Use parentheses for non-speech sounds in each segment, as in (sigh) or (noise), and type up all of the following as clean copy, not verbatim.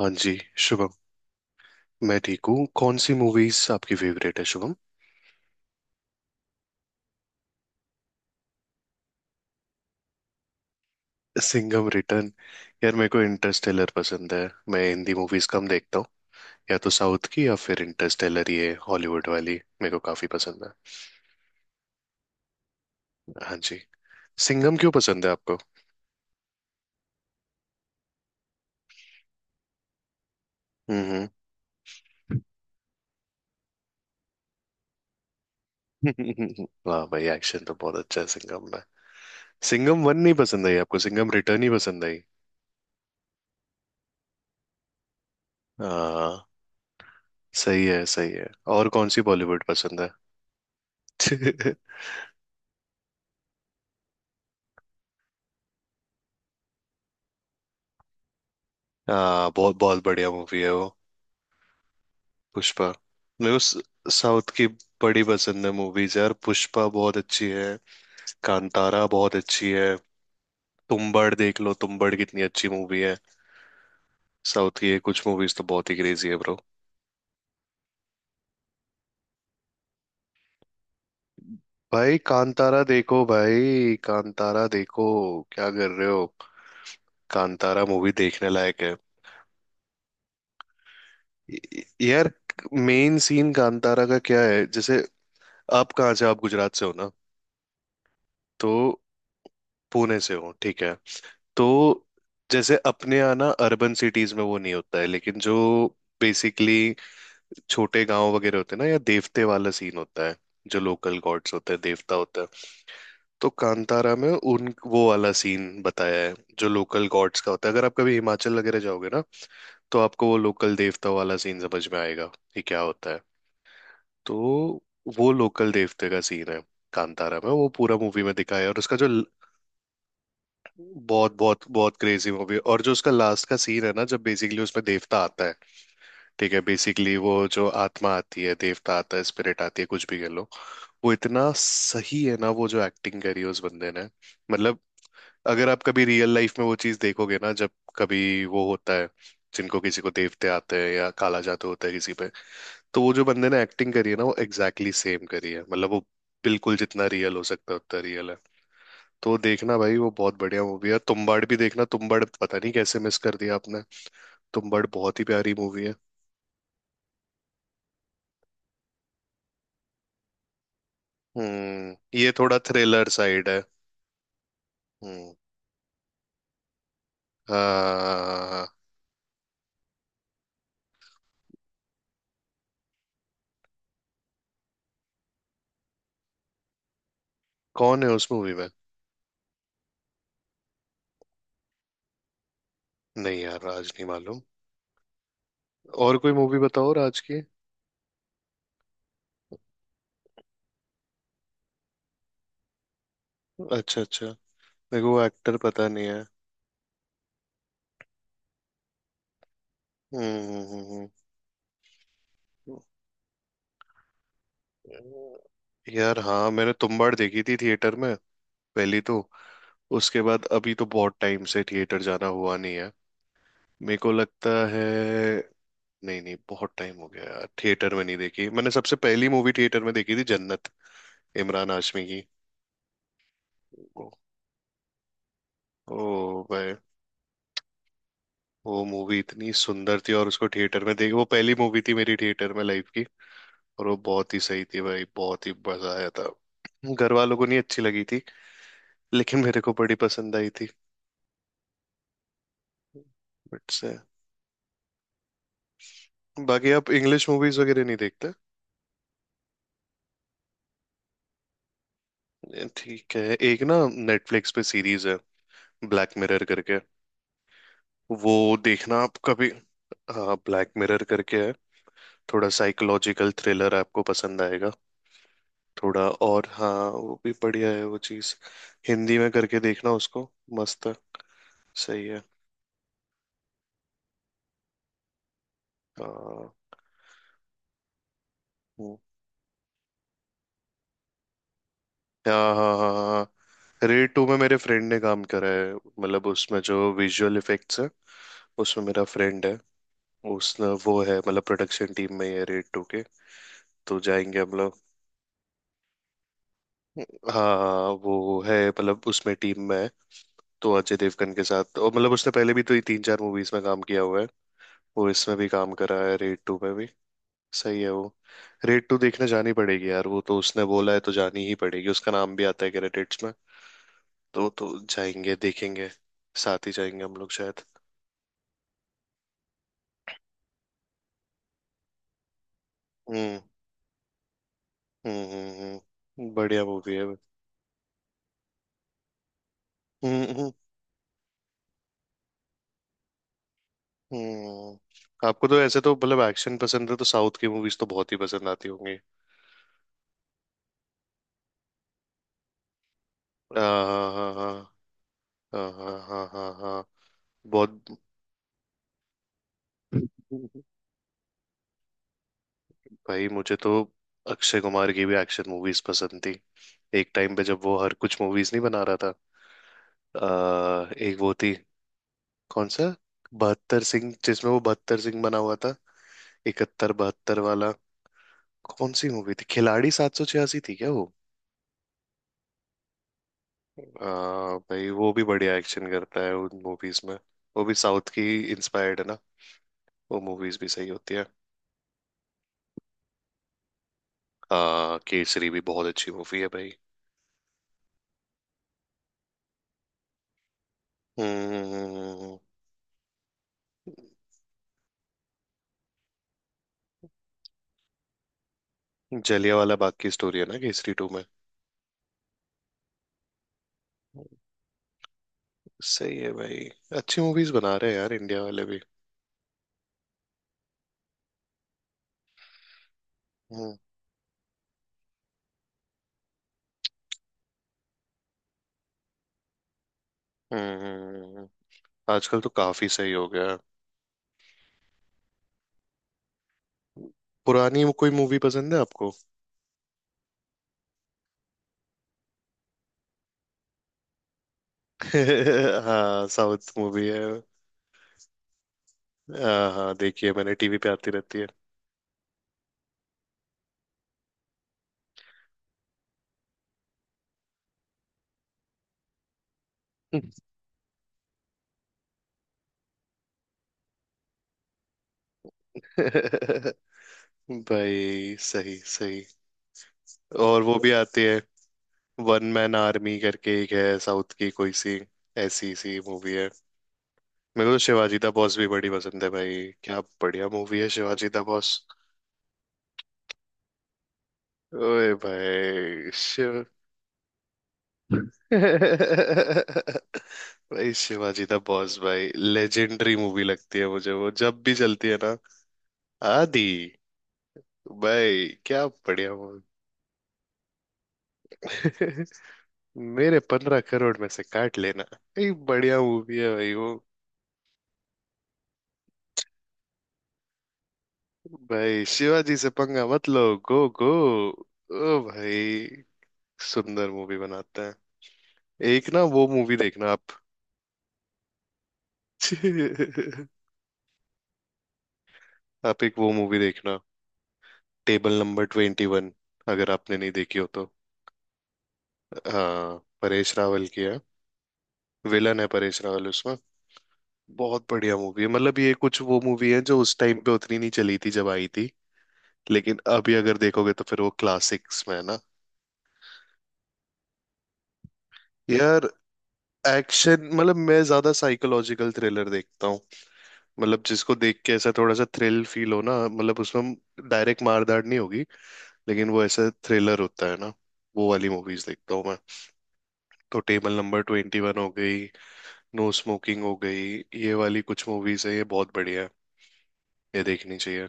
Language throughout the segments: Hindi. हाँ जी। शुभम, मैं ठीक हूँ। कौन सी मूवीज आपकी फेवरेट है शुभम? सिंघम रिटर्न। यार मेरे को इंटरस्टेलर पसंद है। मैं हिंदी मूवीज कम देखता हूँ। या तो साउथ की या फिर इंटरस्टेलर, ये हॉलीवुड वाली मेरे को काफी पसंद है। हाँ जी। सिंघम क्यों पसंद है आपको? हम्म। हम्म। (laughs) वाह भाई, एक्शन तो बहुत अच्छा है सिंघम में। सिंघम वन नहीं पसंद आई आपको? सिंघम रिटर्न ही पसंद आई? हाँ, सही है सही है। और कौन सी बॉलीवुड पसंद है? (laughs) हाँ, बहुत बहुत बढ़िया मूवी है वो। पुष्पा। मेरे को साउथ की बड़ी पसंद है मूवीज यार। पुष्पा बहुत अच्छी है। कांतारा बहुत अच्छी है। तुम्बाड़ देख लो, तुम्बाड़ कितनी अच्छी मूवी है। साउथ की ये कुछ मूवीज तो बहुत ही क्रेजी है ब्रो। भाई कांतारा देखो, भाई कांतारा देखो। क्या कर रहे हो? कांतारा मूवी देखने लायक है। य- यार, मेन सीन कांतारा का क्या है? जैसे, आप कहाँ से, आप गुजरात से हो ना? तो पुणे से हो, ठीक है। तो जैसे अपने यहाँ ना अर्बन सिटीज में वो नहीं होता है, लेकिन जो बेसिकली छोटे गांव वगैरह होते हैं ना, या देवते वाला सीन होता है, जो लोकल गॉड्स होते हैं, देवता होता है। तो कांतारा में उन, वो वाला सीन बताया है जो लोकल गॉड्स का होता है। अगर आप कभी हिमाचल वगैरह जाओगे ना, तो आपको वो लोकल देवता वाला सीन समझ में आएगा कि क्या होता है। तो वो लोकल देवते का सीन है कांतारा में, वो पूरा मूवी में दिखाया है। और उसका जो बहुत बहुत बहुत क्रेजी मूवी, और जो उसका लास्ट का सीन है ना, जब बेसिकली उसमें देवता आता है, ठीक है बेसिकली, वो जो आत्मा आती है, देवता आता है, स्पिरिट आती है कुछ भी कह लो। वो इतना सही है ना, वो जो एक्टिंग करी है उस बंदे ने, मतलब अगर आप कभी रियल लाइफ में वो चीज देखोगे ना, जब कभी वो होता है, जिनको किसी को देवते आते हैं या काला जादू होता है किसी पे, तो वो जो बंदे ने एक्टिंग करी है ना, वो एग्जैक्टली exactly सेम करी है। मतलब वो बिल्कुल जितना रियल हो सकता है उतना रियल है। तो देखना भाई, वो बहुत बढ़िया मूवी है। तुम्बाड़ भी देखना, तुम्बाड़ पता नहीं कैसे मिस कर दिया आपने। तुम्बाड़ बहुत ही प्यारी मूवी है। हम्म, ये थोड़ा थ्रिलर साइड है। हम्म। हाँ। कौन है उस मूवी में? नहीं यार, राज नहीं मालूम। और कोई मूवी बताओ राज की। अच्छा अच्छा। मेरे को वो एक्टर पता नहीं है। हम्म। हम्म। यार हाँ, मैंने तुम्बाड़ देखी थी थिएटर में, पहली तो। उसके बाद अभी तो बहुत टाइम से थिएटर जाना हुआ नहीं है। मेरे को लगता है, नहीं नहीं बहुत टाइम हो गया यार थिएटर में नहीं देखी। मैंने सबसे पहली मूवी थिएटर में देखी थी जन्नत, इमरान हाशमी की। ओ, ओ भाई, वो मूवी इतनी सुंदर थी और उसको थिएटर में देख, वो पहली मूवी थी मेरी थिएटर में लाइफ की। और वो बहुत ही सही थी भाई, बहुत ही मजा आया था। घर वालों को नहीं अच्छी लगी थी, लेकिन मेरे को बड़ी पसंद आई थी। बट्स, बाकी आप इंग्लिश मूवीज वगैरह नहीं देखते? ठीक है। एक ना, नेटफ्लिक्स पे सीरीज है ब्लैक मिरर करके, वो देखना आप कभी। हाँ, ब्लैक मिरर करके है, थोड़ा साइकोलॉजिकल थ्रिलर, आपको पसंद आएगा थोड़ा। और हाँ वो भी बढ़िया है वो चीज। हिंदी में करके देखना उसको, मस्त है। सही है। हाँ। हम्म। हाँ हाँ हाँ हाँ, रेड टू में मेरे फ्रेंड ने काम करा है, मतलब उसमें जो विजुअल इफेक्ट्स है उसमें मेरा फ्रेंड है। उसने वो है, मतलब प्रोडक्शन टीम में ही है रेड टू के। तो जाएंगे हम लोग। हाँ हाँ, हाँ, वो है मतलब उसमें टीम में है, तो अजय देवगन के साथ। और मतलब उसने पहले भी तो ये तीन चार मूवीज में काम किया हुआ है, वो इसमें भी काम करा है रेड टू में भी। सही है वो। रेड टू देखने जानी पड़ेगी यार, वो तो उसने बोला है तो जानी ही पड़ेगी, उसका नाम भी आता है क्रेडिट्स में। तो जाएंगे देखेंगे, साथ ही जाएंगे हम लोग शायद। हम्म। हम्म। बढ़िया मूवी है, हम्म। हम्म हम्म। आपको तो ऐसे तो मतलब एक्शन पसंद है, तो साउथ की मूवीज तो बहुत ही पसंद आती होंगी। हाँ हाँ हाँ हाँ। हाँ हाँ हाँ हाँ, हाँ, बहुत। (laughs) भाई मुझे तो अक्षय कुमार की भी एक्शन मूवीज पसंद थी, एक टाइम पे जब वो हर कुछ मूवीज नहीं बना रहा था। एक वो थी, कौन सा, बहत्तर सिंह, जिसमें वो बहत्तर सिंह बना हुआ था, 71 72 वाला। कौन सी मूवी थी, खिलाड़ी 786 थी क्या वो? भाई वो भी बढ़िया एक्शन करता है उन मूवीज में। वो भी साउथ की इंस्पायर्ड है ना, वो मूवीज भी सही होती है। केसरी भी बहुत अच्छी मूवी है भाई। हम्म। हम्म, हम्म, हम्म, हम्म। जलियांवाला बाग की स्टोरी है ना केसरी टू में। सही है भाई, अच्छी मूवीज बना रहे हैं यार इंडिया वाले भी। हम्म। हम्म हम्म, हम्म। आजकल तो काफी सही हो गया है। पुरानी कोई मूवी पसंद है आपको? (laughs) हाँ, साउथ मूवी है। हाँ हाँ, देखिए मैंने, टीवी पे आती रहती है। (laughs) भाई सही सही, और वो भी आती है। वन मैन आर्मी करके एक है साउथ की कोई सी, ऐसी सी मूवी है। मेरे को तो शिवाजी द बॉस भी बड़ी पसंद है भाई। क्या बढ़िया मूवी है शिवाजी द बॉस। ओए भाई शिव, (laughs) भाई शिवाजी द बॉस, भाई लेजेंडरी मूवी लगती है मुझे। वो जब भी चलती है ना, आदि, भाई क्या बढ़िया मूवी। (laughs) मेरे 15 करोड़ में से काट लेना, ये बढ़िया मूवी है भाई वो। भाई शिवाजी से पंगा मत लो, गो गो। ओ भाई, सुंदर मूवी बनाते हैं। एक ना वो मूवी देखना आप। (laughs) आप एक वो मूवी देखना, टेबल नंबर 21, अगर आपने नहीं देखी हो तो। हाँ, परेश रावल की है, विलन है परेश रावल उसमें। बहुत बढ़िया मूवी है, मतलब ये कुछ वो मूवी है जो उस टाइम पे उतनी नहीं चली थी जब आई थी, लेकिन अभी अगर देखोगे तो फिर वो क्लासिक्स में है ना। यार एक्शन, मतलब मैं ज्यादा साइकोलॉजिकल थ्रिलर देखता हूँ। मतलब जिसको देख के ऐसा थोड़ा सा थ्रिल फील हो ना, मतलब उसमें डायरेक्ट मारधाड़ नहीं होगी, लेकिन वो ऐसा थ्रिलर होता है ना। वो वाली मूवीज देखता हूँ मैं। तो टेबल नंबर 21 हो गई, नो स्मोकिंग हो गई, ये वाली कुछ मूवीज है, ये बहुत बढ़िया है, ये देखनी चाहिए।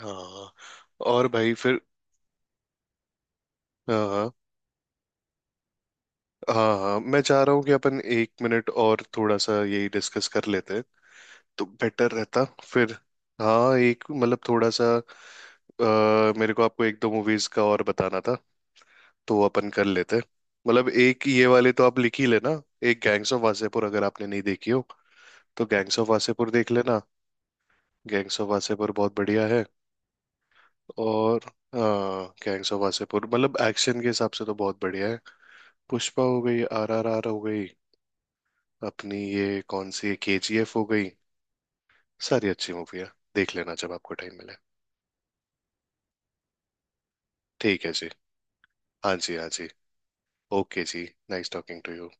हाँ, और भाई फिर। हाँ हाँ, हाँ मैं चाह रहा हूँ कि अपन 1 मिनट और थोड़ा सा यही डिस्कस कर लेते हैं, तो बेटर रहता फिर। हाँ, एक मतलब थोड़ा सा, मेरे को आपको एक दो मूवीज का और बताना था, तो अपन कर लेते हैं। मतलब एक ये वाले तो आप लिख ही लेना। एक गैंग्स ऑफ वासेपुर, अगर आपने नहीं देखी हो तो गैंग्स ऑफ वासेपुर देख लेना, गैंग्स ऑफ वासेपुर बहुत बढ़िया है। और हाँ, गैंग्स ऑफ वासेपुर मतलब एक्शन के हिसाब से तो बहुत बढ़िया है। पुष्पा हो गई, RRR हो गई, अपनी ये कौन सी है, KGF हो गई, सारी अच्छी मूवी है, देख लेना जब आपको टाइम मिले। ठीक है जी, हाँ जी हाँ जी, ओके जी, नाइस टॉकिंग टू यू।